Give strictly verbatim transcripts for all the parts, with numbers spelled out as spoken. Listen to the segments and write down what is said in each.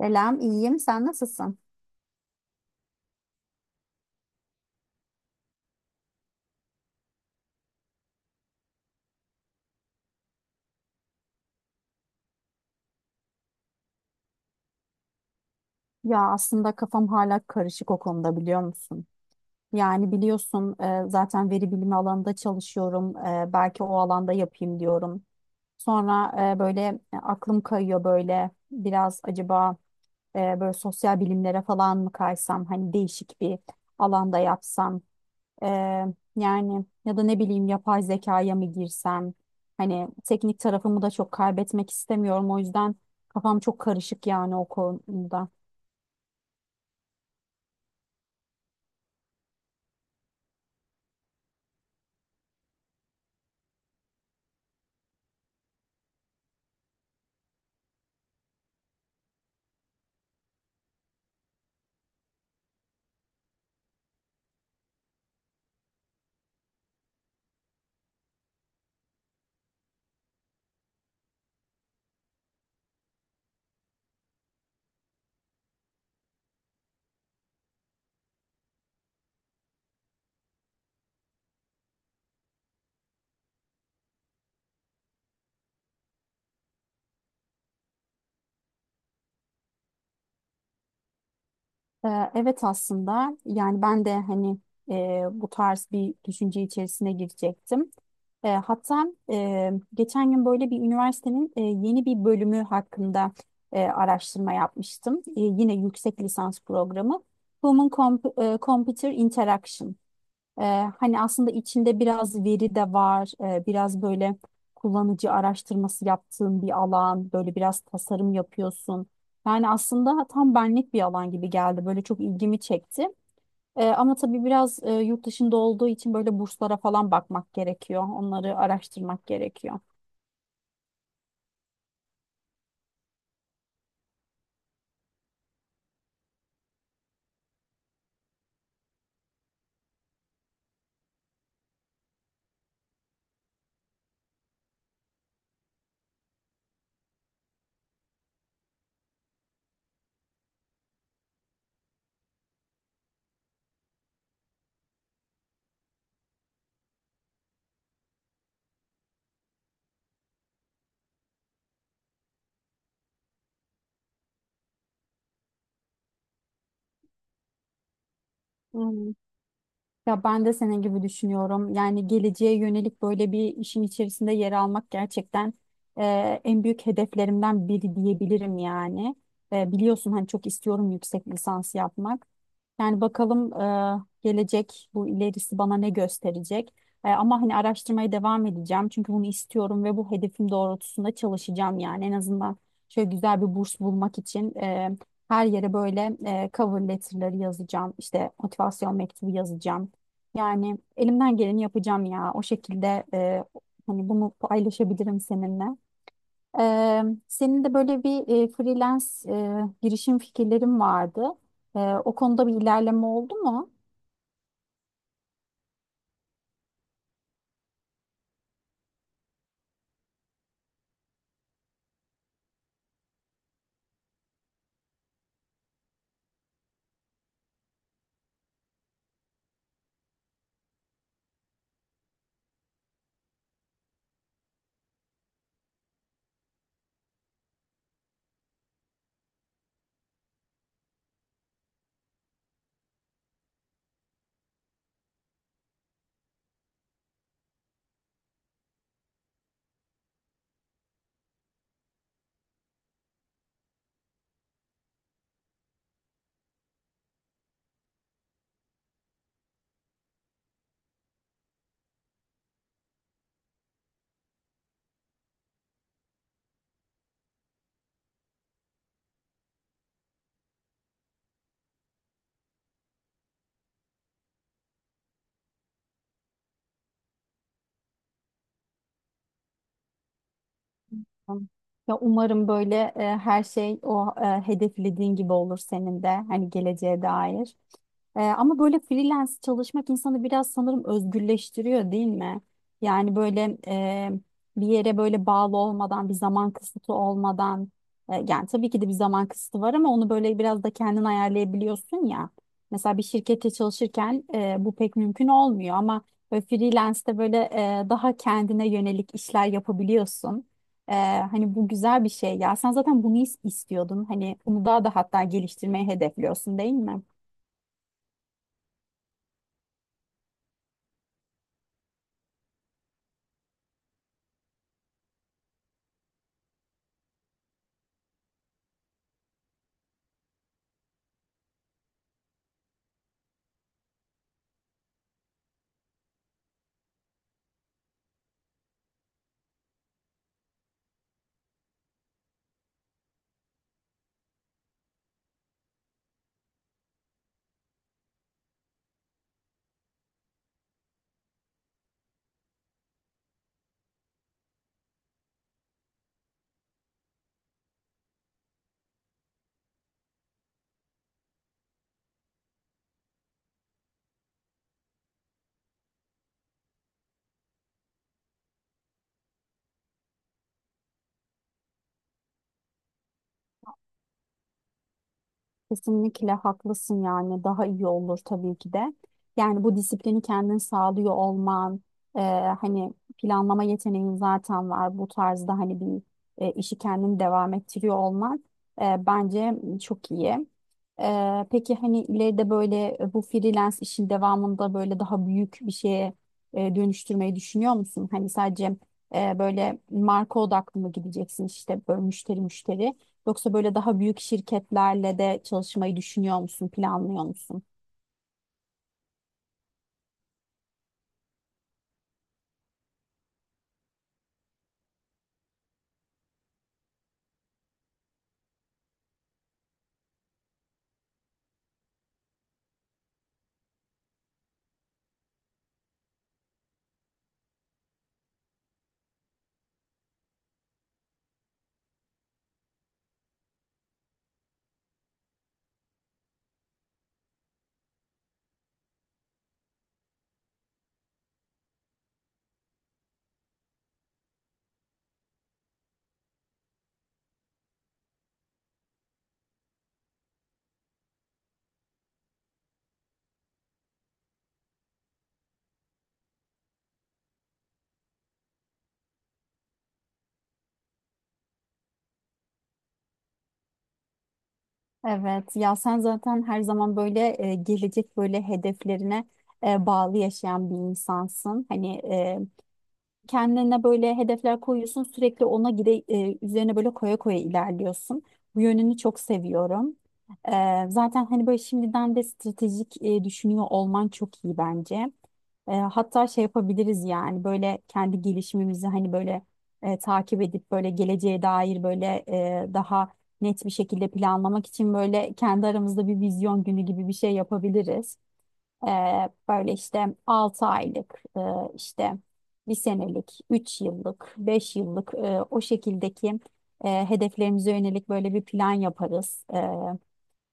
Selam, iyiyim. Sen nasılsın? Ya aslında kafam hala karışık o konuda biliyor musun? Yani biliyorsun e, zaten veri bilimi alanında çalışıyorum. E, belki o alanda yapayım diyorum. Sonra e, böyle e, aklım kayıyor böyle biraz acaba e, böyle sosyal bilimlere falan mı kaysam? Hani değişik bir alanda yapsam. Ee, Yani ya da ne bileyim yapay zekaya mı girsem? Hani teknik tarafımı da çok kaybetmek istemiyorum. O yüzden kafam çok karışık yani o konuda. Ee, evet, aslında yani ben de hani e, bu tarz bir düşünce içerisine girecektim. E, hatta e, geçen gün böyle bir üniversitenin e, yeni bir bölümü hakkında e, araştırma yapmıştım. E, yine yüksek lisans programı. Human Comp- e, Computer Interaction. Ee, Hani aslında içinde biraz veri de var, ee, biraz böyle kullanıcı araştırması yaptığın bir alan, böyle biraz tasarım yapıyorsun. Yani aslında tam benlik bir alan gibi geldi, böyle çok ilgimi çekti. Ee, ama tabii biraz e, yurt dışında olduğu için böyle burslara falan bakmak gerekiyor, onları araştırmak gerekiyor. Hmm. Ya ben de senin gibi düşünüyorum. Yani geleceğe yönelik böyle bir işin içerisinde yer almak gerçekten e, en büyük hedeflerimden biri diyebilirim yani. E, biliyorsun hani çok istiyorum yüksek lisans yapmak. Yani bakalım e, gelecek bu ilerisi bana ne gösterecek. E, ama hani araştırmaya devam edeceğim. Çünkü bunu istiyorum ve bu hedefim doğrultusunda çalışacağım yani. En azından şöyle güzel bir burs bulmak için e, her yere böyle e, cover letter'ları yazacağım. İşte motivasyon mektubu yazacağım. Yani elimden geleni yapacağım ya. O şekilde e, hani bunu paylaşabilirim seninle. E, Senin de böyle bir e, freelance e, girişim fikirlerin vardı. E, O konuda bir ilerleme oldu mu? Ya umarım böyle e, her şey o e, hedeflediğin gibi olur senin de hani geleceğe dair. E, ama böyle freelance çalışmak insanı biraz sanırım özgürleştiriyor değil mi? Yani böyle e, bir yere böyle bağlı olmadan, bir zaman kısıtı olmadan e, yani tabii ki de bir zaman kısıtı var ama onu böyle biraz da kendin ayarlayabiliyorsun ya. Mesela bir şirkette çalışırken e, bu pek mümkün olmuyor ama böyle freelance'de böyle e, daha kendine yönelik işler yapabiliyorsun. Ee, Hani bu güzel bir şey ya. Sen zaten bunu is- istiyordun. Hani bunu daha da hatta geliştirmeyi hedefliyorsun değil mi? Kesinlikle haklısın yani daha iyi olur tabii ki de. Yani bu disiplini kendin sağlıyor olman, e, hani planlama yeteneğin zaten var. Bu tarzda hani bir e, işi kendin devam ettiriyor olman e, bence çok iyi. E, peki hani ileride böyle bu freelance işin devamında böyle daha büyük bir şeye e, dönüştürmeyi düşünüyor musun? Hani sadece e, böyle marka odaklı mı gideceksin işte böyle müşteri müşteri? Yoksa böyle daha büyük şirketlerle de çalışmayı düşünüyor musun, planlıyor musun? Evet, ya sen zaten her zaman böyle e, gelecek böyle hedeflerine e, bağlı yaşayan bir insansın. Hani e, kendine böyle hedefler koyuyorsun, sürekli ona gide e, üzerine böyle koya koya ilerliyorsun. Bu yönünü çok seviyorum. E, Zaten hani böyle şimdiden de stratejik e, düşünüyor olman çok iyi bence. E, hatta şey yapabiliriz yani böyle kendi gelişimimizi hani böyle e, takip edip böyle geleceğe dair böyle e, daha net bir şekilde planlamak için böyle kendi aramızda bir vizyon günü gibi bir şey yapabiliriz. E, Böyle işte altı aylık e, işte bir senelik, üç yıllık, beş yıllık e, o şekildeki e, hedeflerimize yönelik böyle bir plan yaparız. E,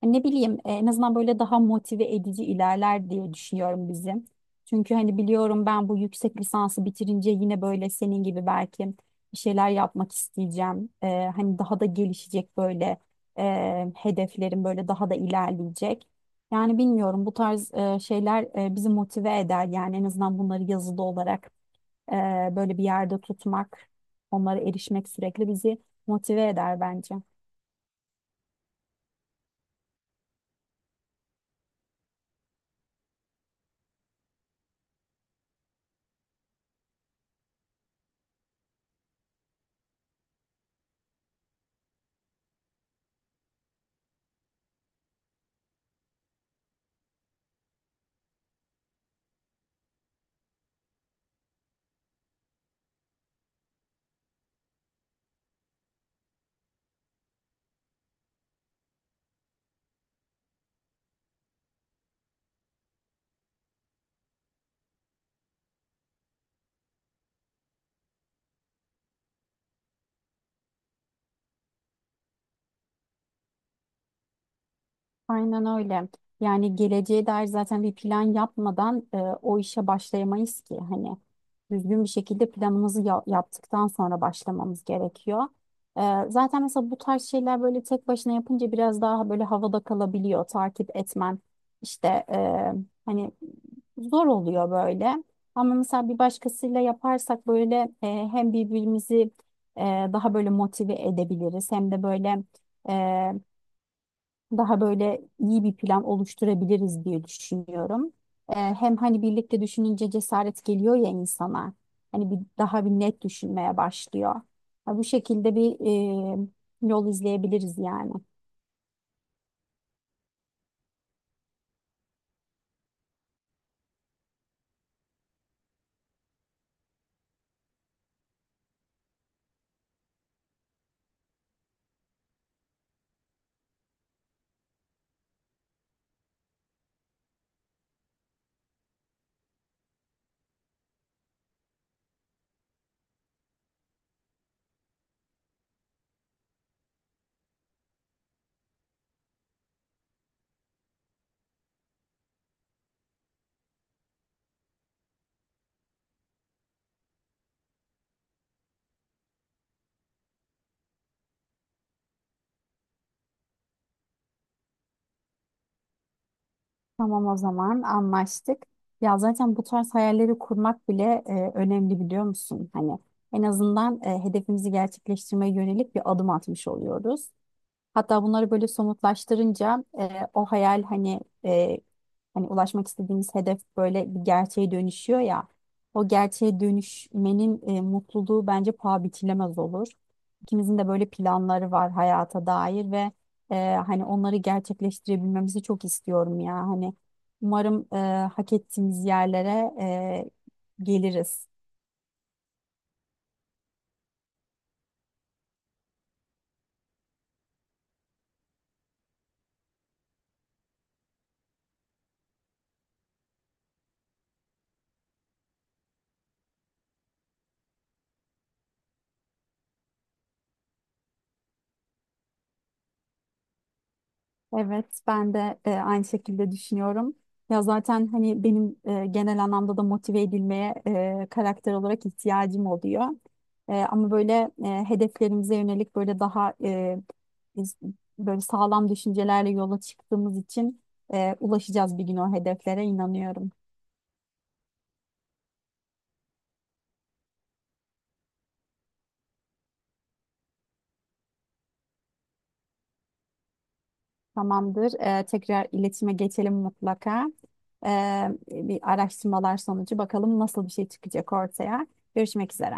Hani ne bileyim e, en azından böyle daha motive edici ilerler diye düşünüyorum bizim. Çünkü hani biliyorum ben bu yüksek lisansı bitirince yine böyle senin gibi belki bir şeyler yapmak isteyeceğim. E, hani daha da gelişecek böyle e, hedeflerim böyle daha da ilerleyecek. Yani bilmiyorum bu tarz e, şeyler e, bizi motive eder. Yani en azından bunları yazılı olarak e, böyle bir yerde tutmak, onlara erişmek sürekli bizi motive eder bence. Aynen öyle. Yani geleceğe dair zaten bir plan yapmadan e, o işe başlayamayız ki. Hani düzgün bir şekilde planımızı ya- yaptıktan sonra başlamamız gerekiyor. E, Zaten mesela bu tarz şeyler böyle tek başına yapınca biraz daha böyle havada kalabiliyor. Takip etmen işte e, hani zor oluyor böyle. Ama mesela bir başkasıyla yaparsak böyle e, hem birbirimizi e, daha böyle motive edebiliriz hem de böyle... e, daha böyle iyi bir plan oluşturabiliriz diye düşünüyorum. Ee, hem hani birlikte düşününce cesaret geliyor ya insana. Hani bir daha bir net düşünmeye başlıyor. Ha, bu şekilde bir e, yol izleyebiliriz yani. Tamam, o zaman anlaştık. Ya zaten bu tarz hayalleri kurmak bile e, önemli, biliyor musun? Hani en azından e, hedefimizi gerçekleştirmeye yönelik bir adım atmış oluyoruz. Hatta bunları böyle somutlaştırınca e, o hayal hani e, hani ulaşmak istediğimiz hedef böyle bir gerçeğe dönüşüyor ya. O gerçeğe dönüşmenin e, mutluluğu bence paha biçilemez olur. İkimizin de böyle planları var hayata dair ve e, hani onları gerçekleştirebilmemizi çok istiyorum ya. Hani umarım e, hak ettiğimiz yerlere e, geliriz. Evet, ben de e, aynı şekilde düşünüyorum. Ya zaten hani benim e, genel anlamda da motive edilmeye e, karakter olarak ihtiyacım oluyor. E, ama böyle e, hedeflerimize yönelik böyle daha e, biz böyle sağlam düşüncelerle yola çıktığımız için e, ulaşacağız bir gün o hedeflere inanıyorum. Tamamdır. E, tekrar iletişime geçelim mutlaka. E, Bir araştırmalar sonucu bakalım nasıl bir şey çıkacak ortaya. Görüşmek üzere.